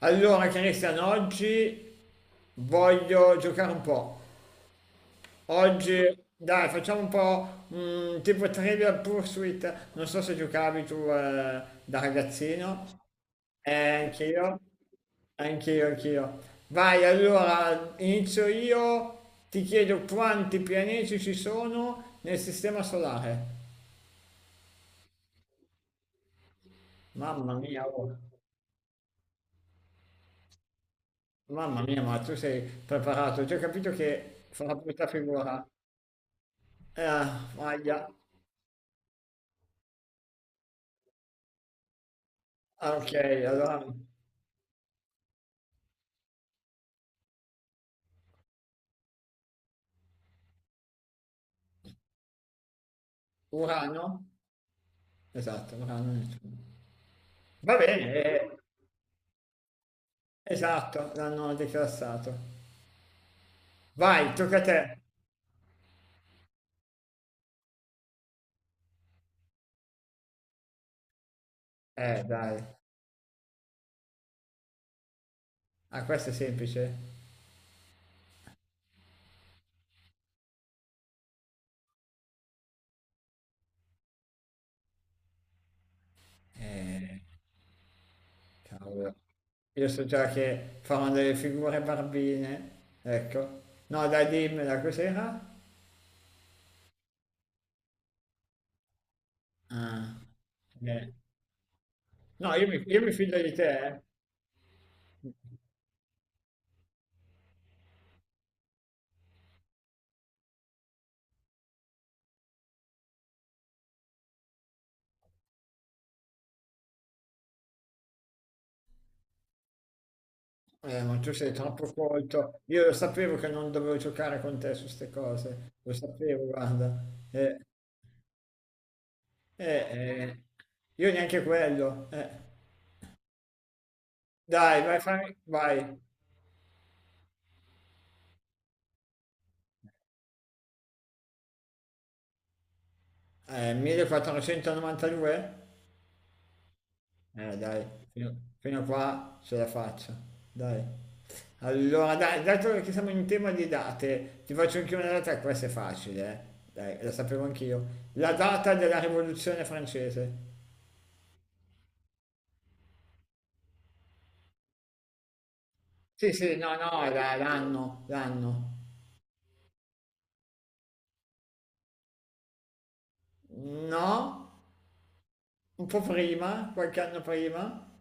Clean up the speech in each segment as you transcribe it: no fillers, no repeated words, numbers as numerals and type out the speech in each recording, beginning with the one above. Allora, Cristian, oggi voglio giocare un po'. Oggi, dai, facciamo un po' tipo Trivial Pursuit. Non so se giocavi tu da ragazzino. Anch'io, anch'io, anch'io. Vai, allora, inizio io. Ti chiedo quanti pianeti ci sono nel sistema solare. Mamma mia, oh. Mamma mia, ma tu sei preparato. Ho già capito che farà brutta figura. Eh, ahia. Ah, ok, allora Urano? Esatto, Urano e Nettuno. Va bene, esatto, l'hanno declassato. Vai, tocca a te. Dai. Ah, questo è semplice. Eh, cavolo. Io so già che fanno delle figure barbine. Ecco. No, dai, dimmela, cos'era? Ah, eh. No, io mi fido di te, eh. Ma tu sei troppo colto. Io lo sapevo che non dovevo giocare con te su queste cose. Lo sapevo, guarda. Eh, eh, eh. Io neanche quello. Eh. Dai, vai, fai, vai. 1492? Dai, fino a qua ce la faccio. Dai. Allora, dai, dato che siamo in tema di date, ti faccio anche una data, questa è facile, eh. Dai, la sapevo anch'io. La data della Rivoluzione francese. Sì, sì, no, no, l'anno, l'anno. No, un po' prima, qualche anno prima.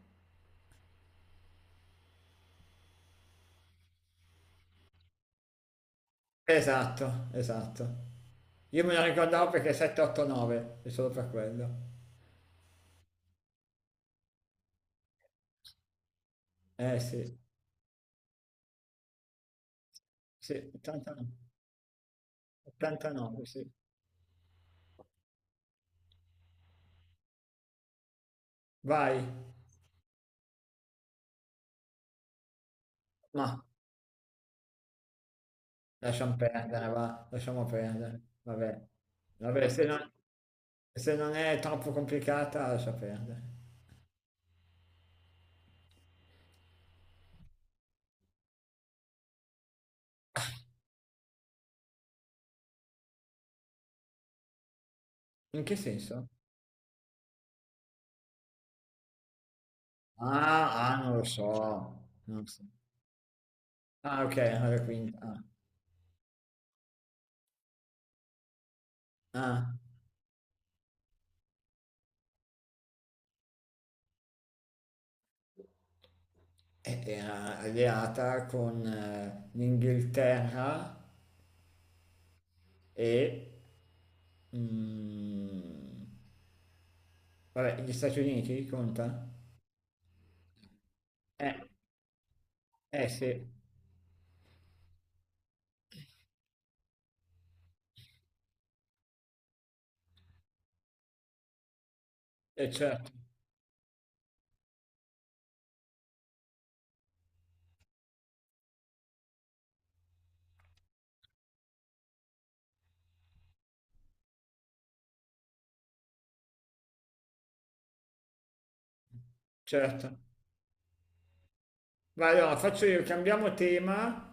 Esatto, esatto. Io me lo ricordavo perché 7, 8, 9, è solo per quello. Eh sì, sì, 89, 89, sì. Vai, ma lasciamo perdere, va, lasciamo perdere. Vabbè, vabbè, se non è troppo complicata, lascia perdere. In che senso? Ah, ah, non lo so. Non lo so. Ah, ok, alla quinta. Ah. Ah, era alleata con l'Inghilterra e mm, vabbè, gli Stati Uniti, conta? Eh, eh sì, certo, certo. Ma allora faccio io, cambiamo tema.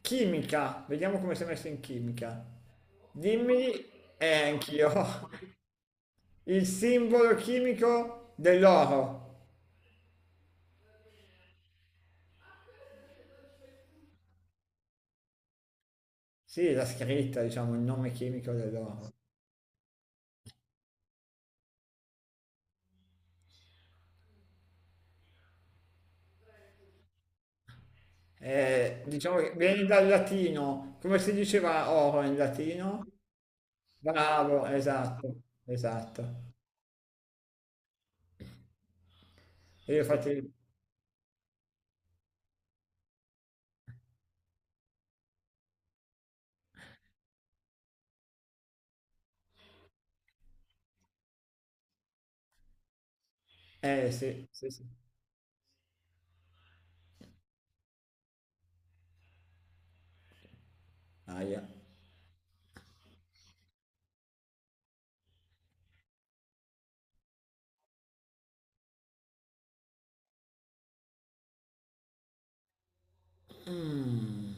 Chimica, vediamo come sei messo in chimica. Dimmi, anch'io, il simbolo chimico dell'oro. Sì, la scritta, diciamo, il nome chimico dell'oro. Diciamo che vieni dal latino, come si diceva oro in latino? Bravo, esatto, esatto. E io faccio. Eh sì, sì, sì. Aia. Mm.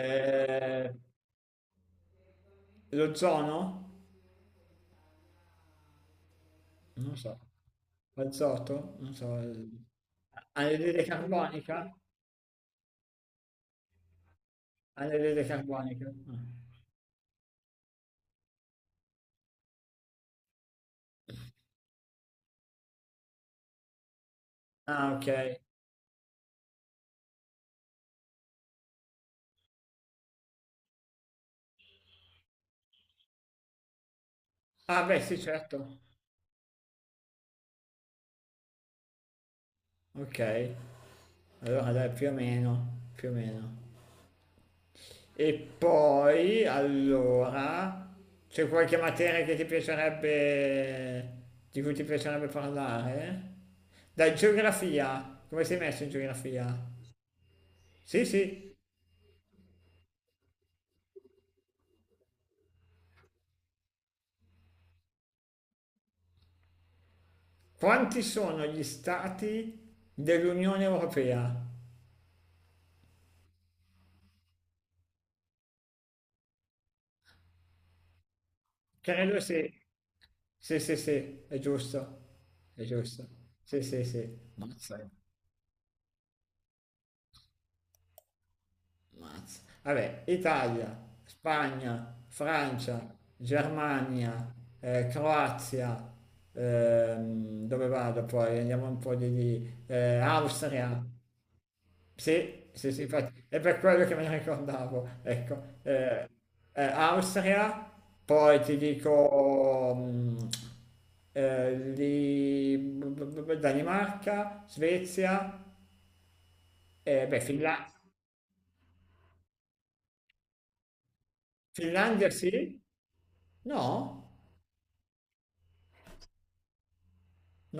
Eh, lo zono? Non so. L'azoto? Non so. Anidride carbonica? Anidride carbonica. Ah, ah, ok. Ah, beh, sì, certo. Ok. Allora, dai, più o meno, più o meno. E poi, allora, c'è qualche materia che ti piacerebbe, di cui ti piacerebbe parlare? Dai, geografia. Come sei messo in geografia? Sì, sì. Quanti sono gli stati dell'Unione Europea? Credo sì. Sì, sì, sì, è giusto. È giusto. Sì, sì, sì. Mazza. Mazza. Vabbè, Italia, Spagna, Francia, Germania, Croazia, dove vado poi? Andiamo un po' di lì. Austria, sì, sì, sì, infatti, è per quello che me ne ricordavo, ecco. Austria, poi ti dico lì, Danimarca, Svezia, beh, Finlandia, sì, no?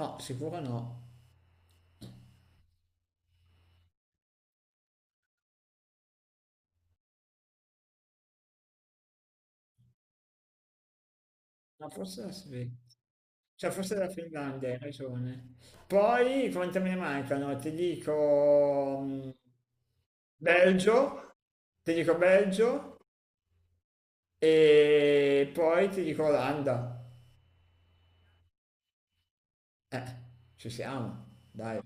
No, sicuro no. Ma forse la Svezia. Cioè, forse la Finlandia, hai ragione. Poi, quante me ne mancano? Ti dico Belgio, ti dico Belgio e poi ti dico Olanda. Eh, ci siamo, dai.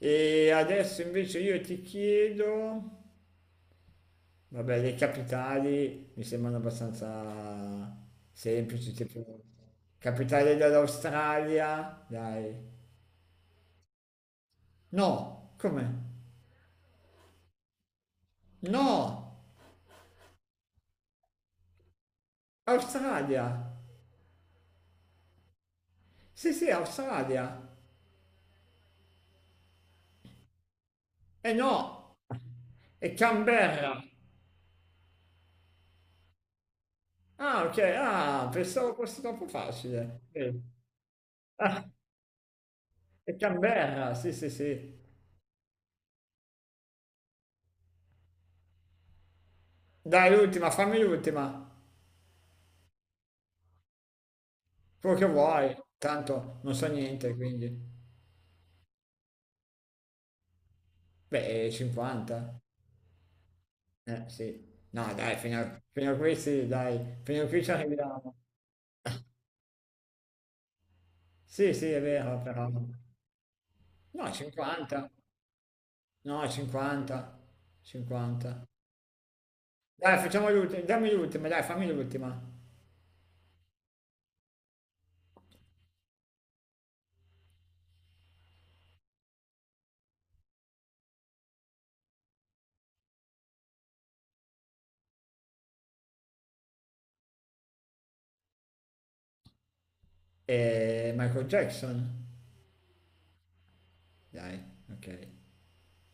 E adesso invece io ti chiedo, vabbè, le capitali mi sembrano abbastanza semplici, tipo capitale dell'Australia, dai. No, come? No, Australia. Sì, sì, Australia. E no, è Canberra. Ah, ok, ah, pensavo fosse troppo facile. Ok. Ah, è Canberra, sì, sì, sì. Dai, l'ultima, fammi l'ultima. Quello che vuoi. Tanto non so niente, quindi. Beh, 50. Sì. No, dai, fino a qui sì, dai. Fino a qui ci arriviamo. Sì, sì, è vero, però. No, 50. No, 50. 50. Dai, facciamo l'ultima. Dammi l'ultima, dai, fammi l'ultima. Michael Jackson. Dai, ok.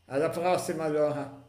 Alla prossima allora.